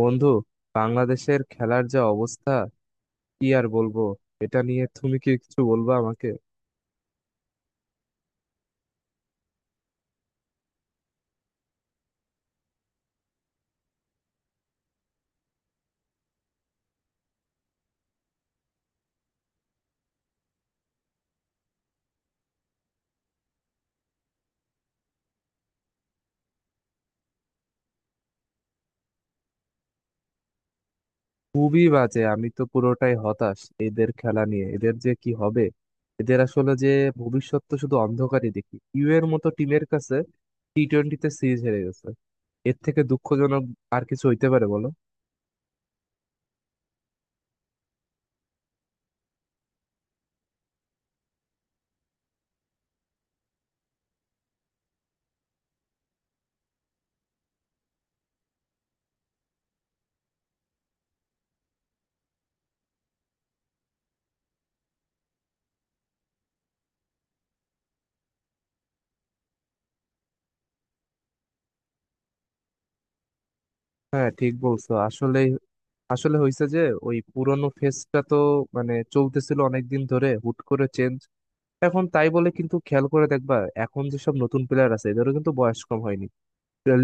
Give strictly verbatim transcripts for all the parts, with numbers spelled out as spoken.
বন্ধু, বাংলাদেশের খেলার যা অবস্থা কি আর বলবো। এটা নিয়ে তুমি কি কিছু বলবা আমাকে? খুবই বাজে, আমি তো পুরোটাই হতাশ এদের খেলা নিয়ে। এদের যে কি হবে, এদের আসলে যে ভবিষ্যৎ তো শুধু অন্ধকারই দেখি। ইউ এর মতো টিমের কাছে টি টোয়েন্টিতে সিরিজ হেরে গেছে। এর থেকে দুঃখজনক আর কিছু হইতে পারে বলো? হ্যাঁ, ঠিক বলছো। আসলে আসলে হয়েছে যে ওই পুরনো ফেসটা তো মানে চলতেছিল অনেকদিন ধরে, হুট করে চেঞ্জ। এখন তাই বলে কিন্তু খেয়াল করে দেখবা, এখন যেসব নতুন প্লেয়ার আছে এদেরও কিন্তু বয়স কম হয়নি।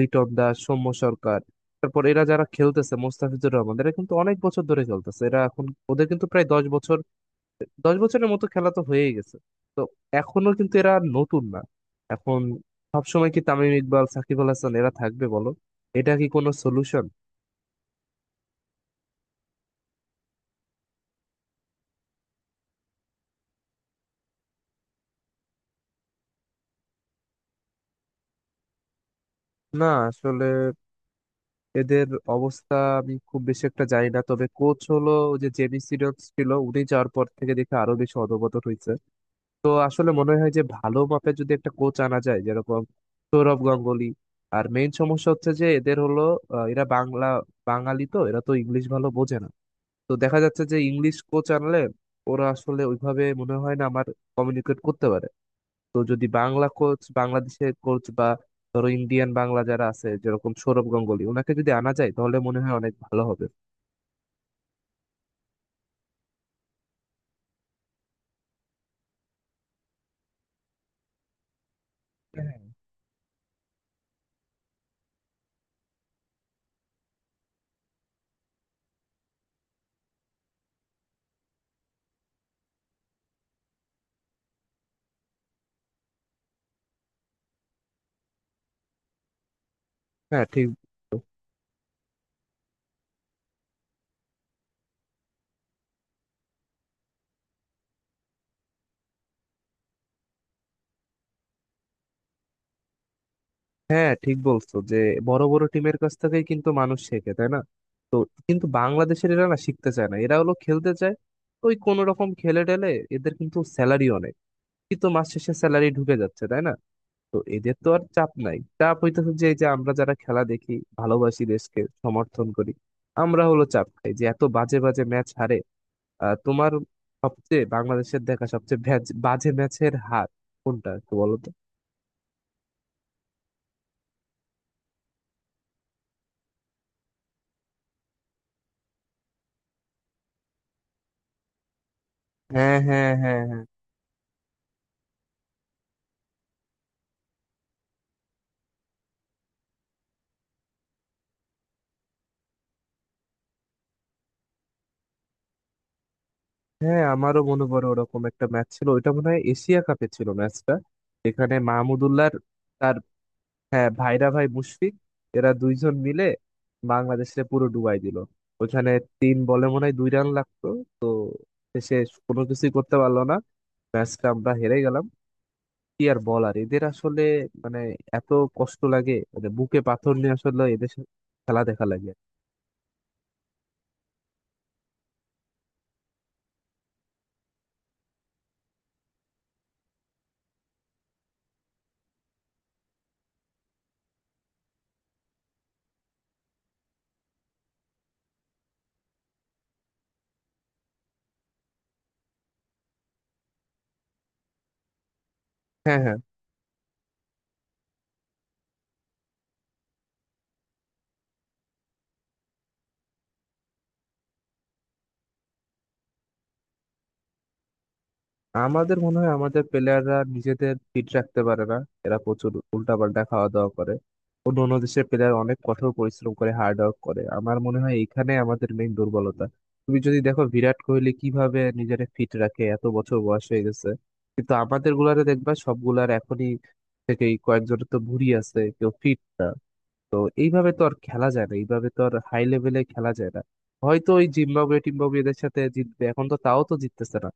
লিটন দাস, সৌম্য সরকার, তারপর এরা যারা খেলতেছে, মোস্তাফিজুর রহমান, এরা কিন্তু অনেক বছর ধরে খেলতেছে। এরা এখন, ওদের কিন্তু প্রায় দশ বছর, দশ বছরের মতো খেলা তো হয়েই গেছে। তো এখনো কিন্তু এরা নতুন না। এখন সবসময় কি তামিম ইকবাল, সাকিব আল হাসান এরা থাকবে বলো? এটা কি কোনো সলিউশন? না, আসলে এদের অবস্থা আমি খুব বেশি একটা জানি না, তবে কোচ হলো ওই যে জেমি সিডন্স ছিল, উনি যাওয়ার পর থেকে দেখে আরো বেশি অধপতন হয়েছে। তো আসলে মনে হয় যে ভালো মাপের যদি একটা কোচ আনা যায় যেরকম সৌরভ গাঙ্গুলি। আর মেইন সমস্যা হচ্ছে যে এদের হলো আহ, এরা বাংলা, বাঙালি তো, এরা তো ইংলিশ ভালো বোঝে না। তো দেখা যাচ্ছে যে ইংলিশ কোচ আনলে ওরা আসলে ওইভাবে মনে হয় না আমার কমিউনিকেট করতে পারে। তো যদি বাংলা কোচ, বাংলাদেশের কোচ বা ধরো ইন্ডিয়ান বাংলা যারা আছে যেরকম সৌরভ গাঙ্গুলী, ওনাকে যদি আনা যায় তাহলে মনে হয় অনেক ভালো হবে। হ্যাঁ। হ্যাঁ, ঠিক। হ্যাঁ, ঠিক বলছো যে বড় বড় টিমের কাছ থেকেই কিন্তু মানুষ শেখে তাই না। তো কিন্তু বাংলাদেশের এরা না, শিখতে চায় না, এরা হলো খেলতে চায়, ওই কোন রকম খেলে টেলে। এদের কিন্তু স্যালারি অনেক, কিন্তু মাস শেষে স্যালারি ঢুকে যাচ্ছে তাই না। তো এদের তো আর চাপ নাই, চাপ হইতেছে যে এই যে আমরা যারা খেলা দেখি, ভালোবাসি, দেশকে সমর্থন করি, আমরা হলো চাপ খাই যে এত বাজে বাজে ম্যাচ হারে। আহ, তোমার সবচেয়ে বাংলাদেশের দেখা সবচেয়ে ভ্যাজ- বাজে ম্যাচের হার কোনটা একটু বলো তো? হ্যাঁ, হ্যাঁ, হ্যাঁ, হ্যাঁ। হ্যাঁ, আমারও মনে পড়ে ওরকম একটা ম্যাচ ছিল। ওইটা মনে হয় এশিয়া কাপে ছিল ম্যাচটা। এখানে মাহমুদুল্লাহর তার, হ্যাঁ, ভাইরা ভাই মুশফিক, এরা দুইজন মিলে বাংলাদেশে পুরো ডুবাই দিল। ওখানে তিন বলে মনে হয় দুই রান লাগতো, সে কোনো কিছুই করতে পারলো না, ম্যাচটা আমরা হেরে গেলাম। কি আর বলার এদের আসলে, মানে এত কষ্ট লাগে, মানে বুকে পাথর নিয়ে আসলে এদের সা- খেলা দেখা লাগে। হ্যাঁ। হ্যাঁ, আমাদের মনে হয় আমাদের প্লেয়াররা নিজেদের ফিট রাখতে পারে না, এরা প্রচুর উল্টাপাল্টা খাওয়া দাওয়া করে। অন্য অন্য দেশের প্লেয়ার অনেক কঠোর পরিশ্রম করে, হার্ড ওয়ার্ক করে। আমার মনে হয় এখানে আমাদের মেইন দুর্বলতা। তুমি যদি দেখো বিরাট কোহলি কিভাবে নিজের ফিট রাখে, এত বছর বয়স হয়ে গেছে। কিন্তু আমাদের গুলারে দেখবা সবগুলার এখনই থেকেই কয়েকজনের তো ভুঁড়ি আছে, কেউ ফিট না। তো এইভাবে তো আর খেলা যায় না, এইভাবে তো আর হাই লেভেলে খেলা যায় না। হয়তো ওই জিম্বাবুয়ে টিম্বাবুয়েদের সাথে জিতবে, এখন তো তাও তো জিততেছে না।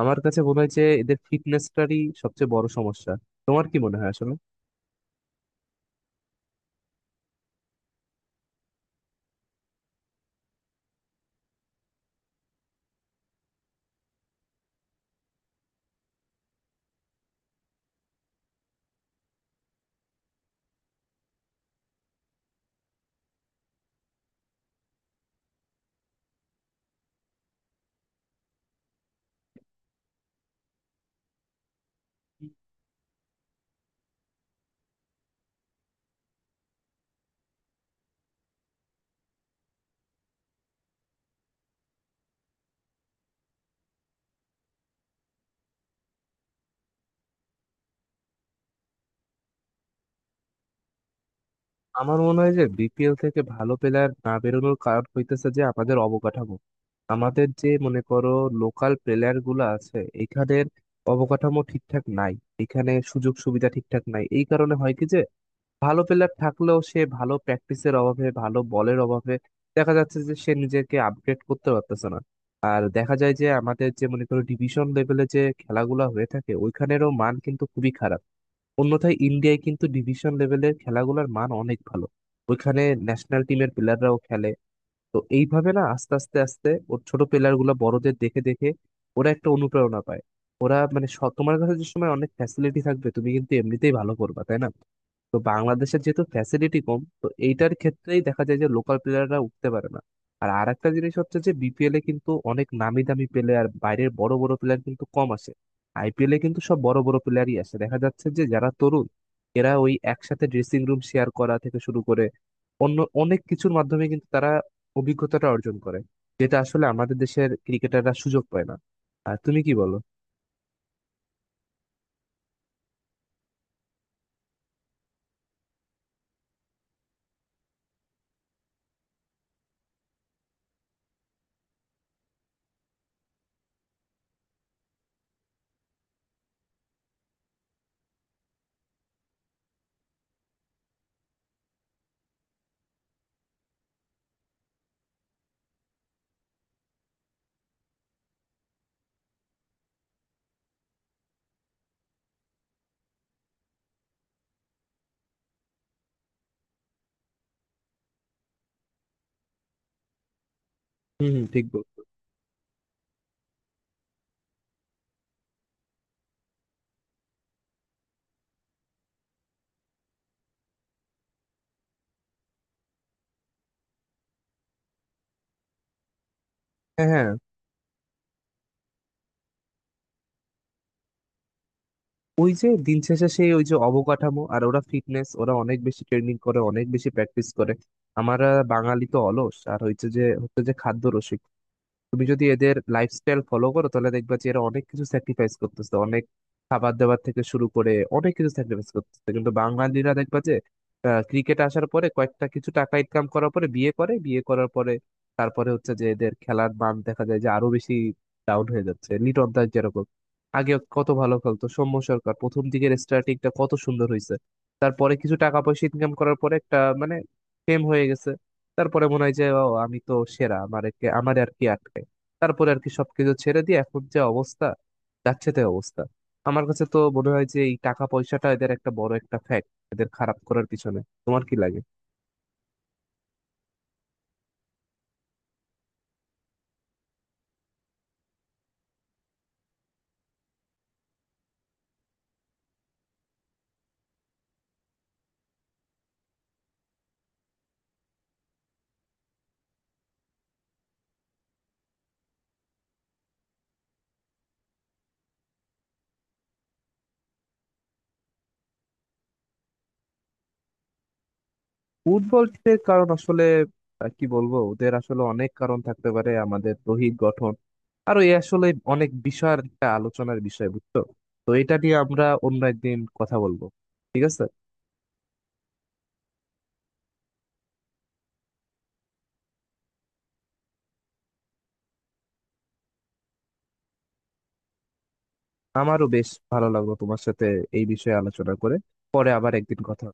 আমার কাছে মনে হয় যে এদের ফিটনেসটারই সবচেয়ে বড় সমস্যা। তোমার কি মনে হয় আসলে? আমার মনে হয় যে বিপিএল থেকে ভালো প্লেয়ার না বেরোনোর কারণ হইতেছে যে আমাদের অবকাঠামো, আমাদের যে মনে করো লোকাল প্লেয়ার গুলো আছে এখানের অবকাঠামো ঠিকঠাক নাই, এখানে সুযোগ সুবিধা ঠিকঠাক নাই। এই কারণে হয় কি যে ভালো প্লেয়ার থাকলেও সে ভালো প্র্যাকটিসের অভাবে, ভালো বলের অভাবে দেখা যাচ্ছে যে সে নিজেকে আপডেট করতে পারতেছে না। আর দেখা যায় যে আমাদের যে মনে করো ডিভিশন লেভেলে যে খেলাগুলো হয়ে থাকে, ওইখানেরও মান কিন্তু খুবই খারাপ। অন্যথায় ইন্ডিয়ায় কিন্তু ডিভিশন লেভেলের খেলাগুলোর মান অনেক ভালো, ওইখানে ন্যাশনাল টিমের প্লেয়াররাও খেলে। তো এইভাবে না, আস্তে আস্তে আস্তে ওর ছোট প্লেয়ার গুলো বড়দের দেখে দেখে ওরা একটা অনুপ্রেরণা পায়। ওরা মানে স- তোমার কাছে যে সময় অনেক ফ্যাসিলিটি থাকবে তুমি কিন্তু এমনিতেই ভালো করবা তাই না। তো বাংলাদেশের যেহেতু ফ্যাসিলিটি কম, তো এইটার ক্ষেত্রেই দেখা যায় যে লোকাল প্লেয়াররা উঠতে পারে না। আর আরেকটা জিনিস হচ্ছে যে বিপিএল এ কিন্তু অনেক নামি দামি প্লেয়ার, বাইরের বড় বড় প্লেয়ার কিন্তু কম আসে। আইপিএল এ কিন্তু সব বড় বড় প্লেয়ারই আসে, দেখা যাচ্ছে যে যারা তরুণ এরা ওই একসাথে ড্রেসিং রুম শেয়ার করা থেকে শুরু করে অন্য অনেক কিছুর মাধ্যমে কিন্তু তারা অভিজ্ঞতাটা অর্জন করে, যেটা আসলে আমাদের দেশের ক্রিকেটাররা সুযোগ পায় না। আর তুমি কি বলো? হুম, হুম, ঠিক বল। হ্যাঁ, হ্যাঁ, ওই যে দিন শেষে সেই ওই যে অবকাঠামো আর ওরা ফিটনেস, ওরা অনেক বেশি ট্রেনিং করে, অনেক বেশি প্র্যাকটিস করে। আমরা বাঙালি তো অলস। আর হচ্ছে যে হচ্ছে যে খাদ্য, তুমি যদি এদের লাইফস্টাইল ফলো করো তাহলে দেখবা যে এরা অনেক কিছু স্যাক্রিফাইস করতেছে, অনেক খাবার দাবার থেকে শুরু করে অনেক কিছু স্যাক্রিফাইস করতেছে। কিন্তু বাঙালিরা দেখবা যে ক্রিকেট আসার পরে কয়েকটা কিছু টাকা ইনকাম করার পরে বিয়ে করে, বিয়ে করার পরে তারপরে হচ্ছে যে এদের খেলার মান দেখা যায় যে আরো বেশি ডাউন হয়ে যাচ্ছে। লিটন দাস যেরকম আগে কত ভালো খেলতো, সৌম্য সরকার প্রথম দিকের স্টার্টিংটা কত সুন্দর হয়েছে, তারপরে কিছু টাকা পয়সা ইনকাম করার পরে একটা মানে ফেম হয়ে গেছে। তারপরে মনে হয় যে ও, আমি তো সেরা, আমার একে আমার আর কি আটকে। তারপরে আর কি সবকিছু ছেড়ে দিয়ে এখন যে অবস্থা, যাচ্ছে তাই অবস্থা। আমার কাছে তো মনে হয় যে এই টাকা পয়সাটা এদের একটা বড় একটা ফ্যাক্ট এদের খারাপ করার পিছনে। তোমার কি লাগে? ফুটবলের কারণ আসলে আহ, কি বলবো, ওদের আসলে অনেক কারণ থাকতে পারে, আমাদের দৈহিক গঠন আরো এ আসলে অনেক বিষয়ের একটা আলোচনার বিষয়, বুঝছো। তো এটা নিয়ে আমরা অন্য একদিন কথা বলবো, ঠিক আছে? আমারও বেশ ভালো লাগলো তোমার সাথে এই বিষয়ে আলোচনা করে। পরে আবার একদিন কথা।